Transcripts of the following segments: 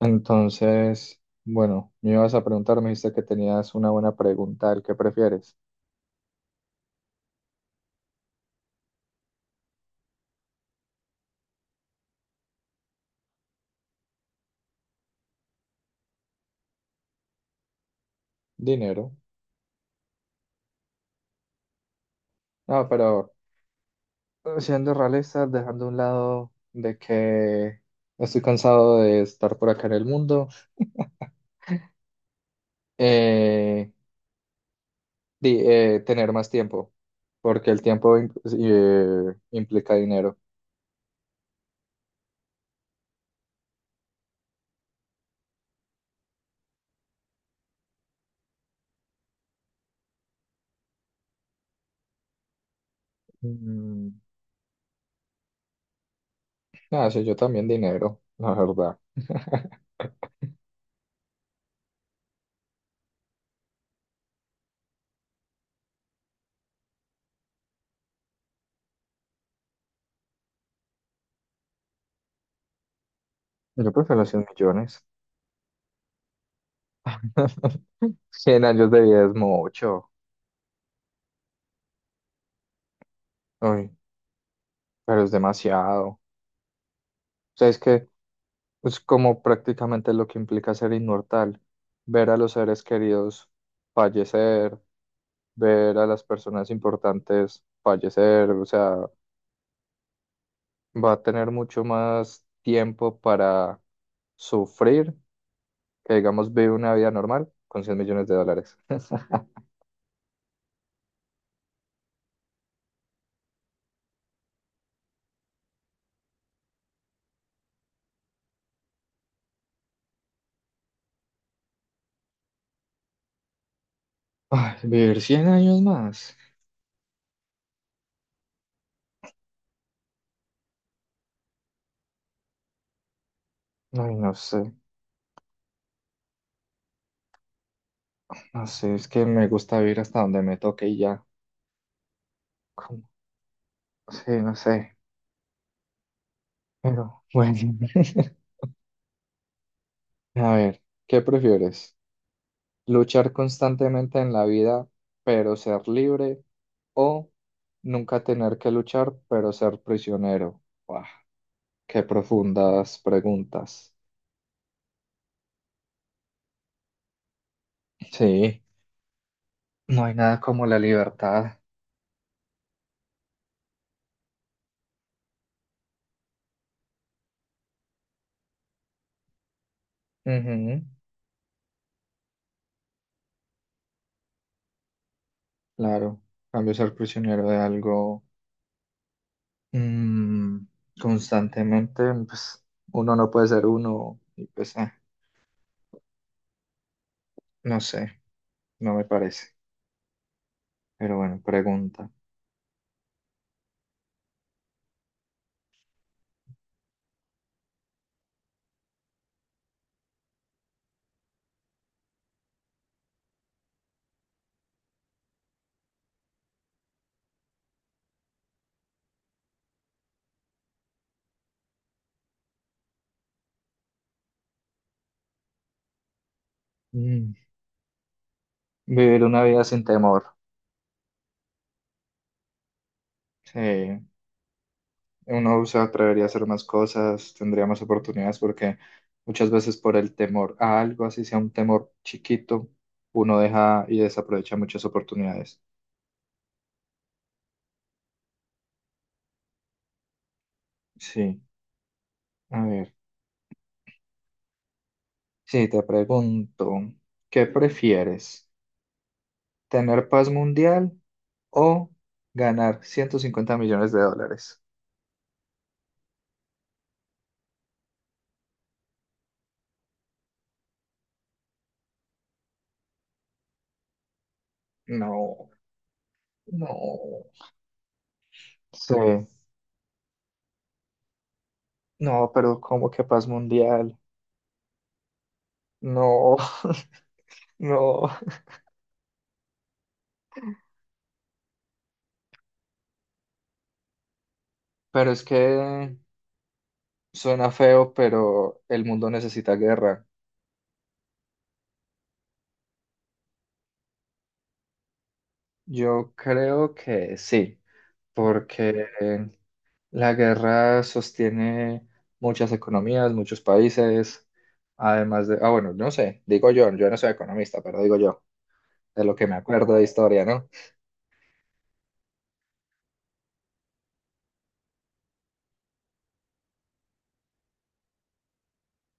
Entonces, bueno, me ibas a preguntar, me dijiste que tenías una buena pregunta, ¿el qué prefieres? Dinero. No, pero siendo realistas dejando a un lado de que estoy cansado de estar por acá en el mundo, eh, tener más tiempo, porque el tiempo implica dinero. Mm, ah, sí, yo también dinero, la verdad. Yo prefiero 100 millones. Cien años de vida es mucho. Uy, pero es demasiado. ¿Sabes que? Es como prácticamente lo que implica ser inmortal, ver a los seres queridos fallecer, ver a las personas importantes fallecer. O sea, va a tener mucho más tiempo para sufrir que, digamos, vivir una vida normal con 100 millones de dólares. Ay, vivir 100 años más. Ay, no sé, no sé, es que me gusta vivir hasta donde me toque y ya. Como- Sí, no sé, pero bueno. A ver, ¿qué prefieres? Luchar constantemente en la vida, pero ser libre, o nunca tener que luchar, pero ser prisionero. Buah, qué profundas preguntas. Sí, no hay nada como la libertad. Ujú. Claro, en cambio ser prisionero de algo, mm, constantemente, pues uno no puede ser uno, y pues no sé, no me parece. Pero bueno, pregunta. Mm, Vivir una vida sin temor. Sí. Uno se atrevería a hacer más cosas, tendría más oportunidades, porque muchas veces por el temor a algo, así sea un temor chiquito, uno deja y desaprovecha muchas oportunidades. Sí, a ver, sí, te pregunto, ¿qué prefieres? ¿Tener paz mundial o ganar 150 millones de dólares? No, no. Sí, no, pero ¿cómo que paz mundial? No, no. Pero es que suena feo, pero el mundo necesita guerra. Yo creo que sí, porque la guerra sostiene muchas economías, muchos países, además de, ah, bueno, no sé, digo yo, yo no soy economista, pero digo yo, de lo que me acuerdo de historia, ¿no?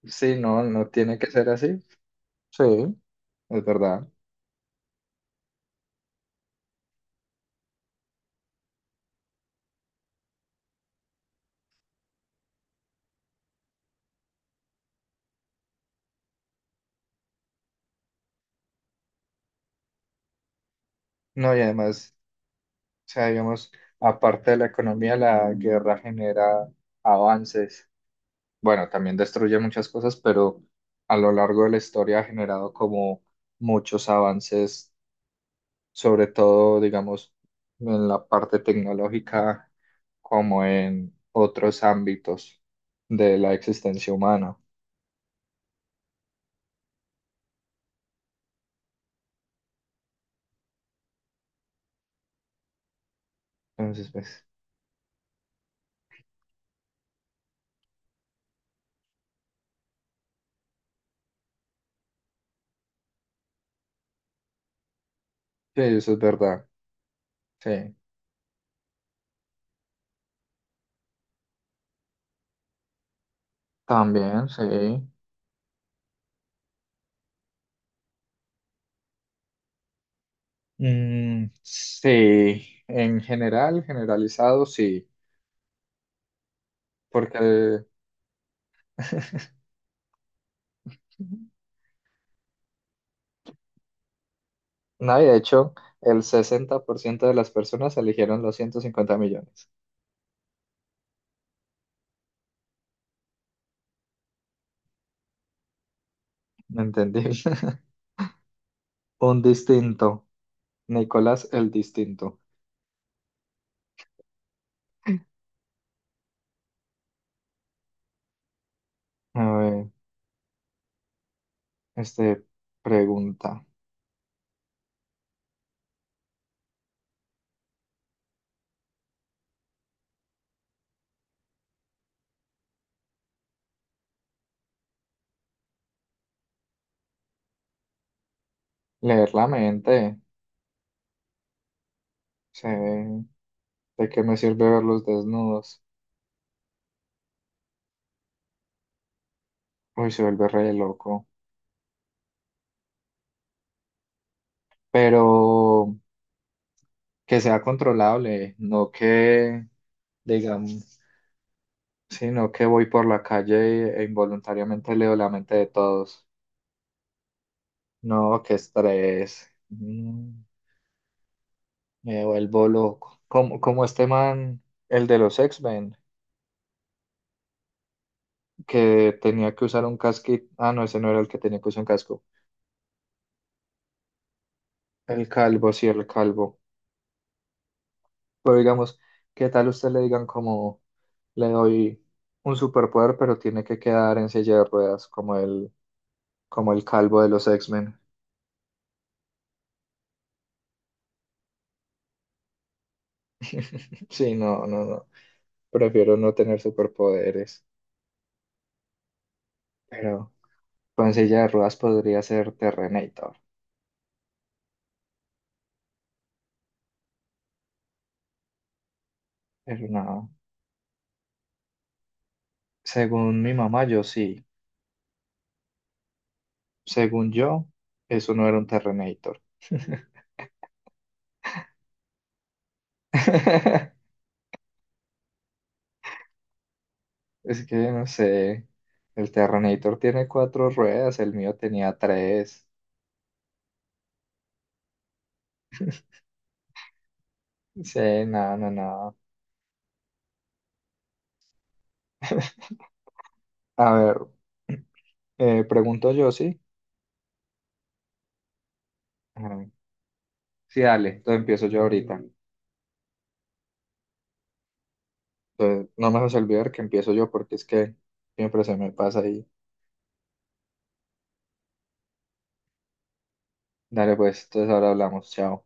Sí, no, no tiene que ser así. Sí, es verdad. No, y además, o sea, digamos, aparte de la economía, la guerra genera avances. Bueno, también destruye muchas cosas, pero a lo largo de la historia ha generado como muchos avances, sobre todo, digamos, en la parte tecnológica, como en otros ámbitos de la existencia humana. Entonces, pues, sí, eso es verdad. Sí, también, sí. Mm, sí, en general, generalizado, sí, porque No, y de hecho, el 60% de las personas eligieron los 150 millones. Entendí. Un distinto. Nicolás el distinto. A ver, este, pregunta. Leer la mente. Sí, ¿de qué me sirve verlos desnudos? Uy, se vuelve re loco. Pero que sea controlable, no que, digamos, sino que voy por la calle e involuntariamente leo la mente de todos. No, qué estrés. Mm. Me vuelvo loco. Como este man, el de los X-Men, que tenía que usar un casquito. Ah, no, ese no era el que tenía que usar un casco. El calvo, sí, el calvo. Pero digamos, ¿qué tal usted le digan como le doy un superpoder, pero tiene que quedar en silla de ruedas, como el, calvo de los X-Men? Sí, no, no, no. Prefiero no tener superpoderes. Pero con silla de ruedas podría ser Terrenator. Pero no. Según mi mamá, yo sí. Según yo, eso no era un Terrenator. Es que no sé, el Terrenator tiene cuatro ruedas, el mío tenía tres. Sí, nada, nada, nada. A ver, pregunto yo, ¿sí? Ajá. Sí, dale, entonces empiezo yo ahorita. Entonces, no me vas a olvidar que empiezo yo porque es que siempre se me pasa ahí. Dale, pues, entonces ahora hablamos, chao.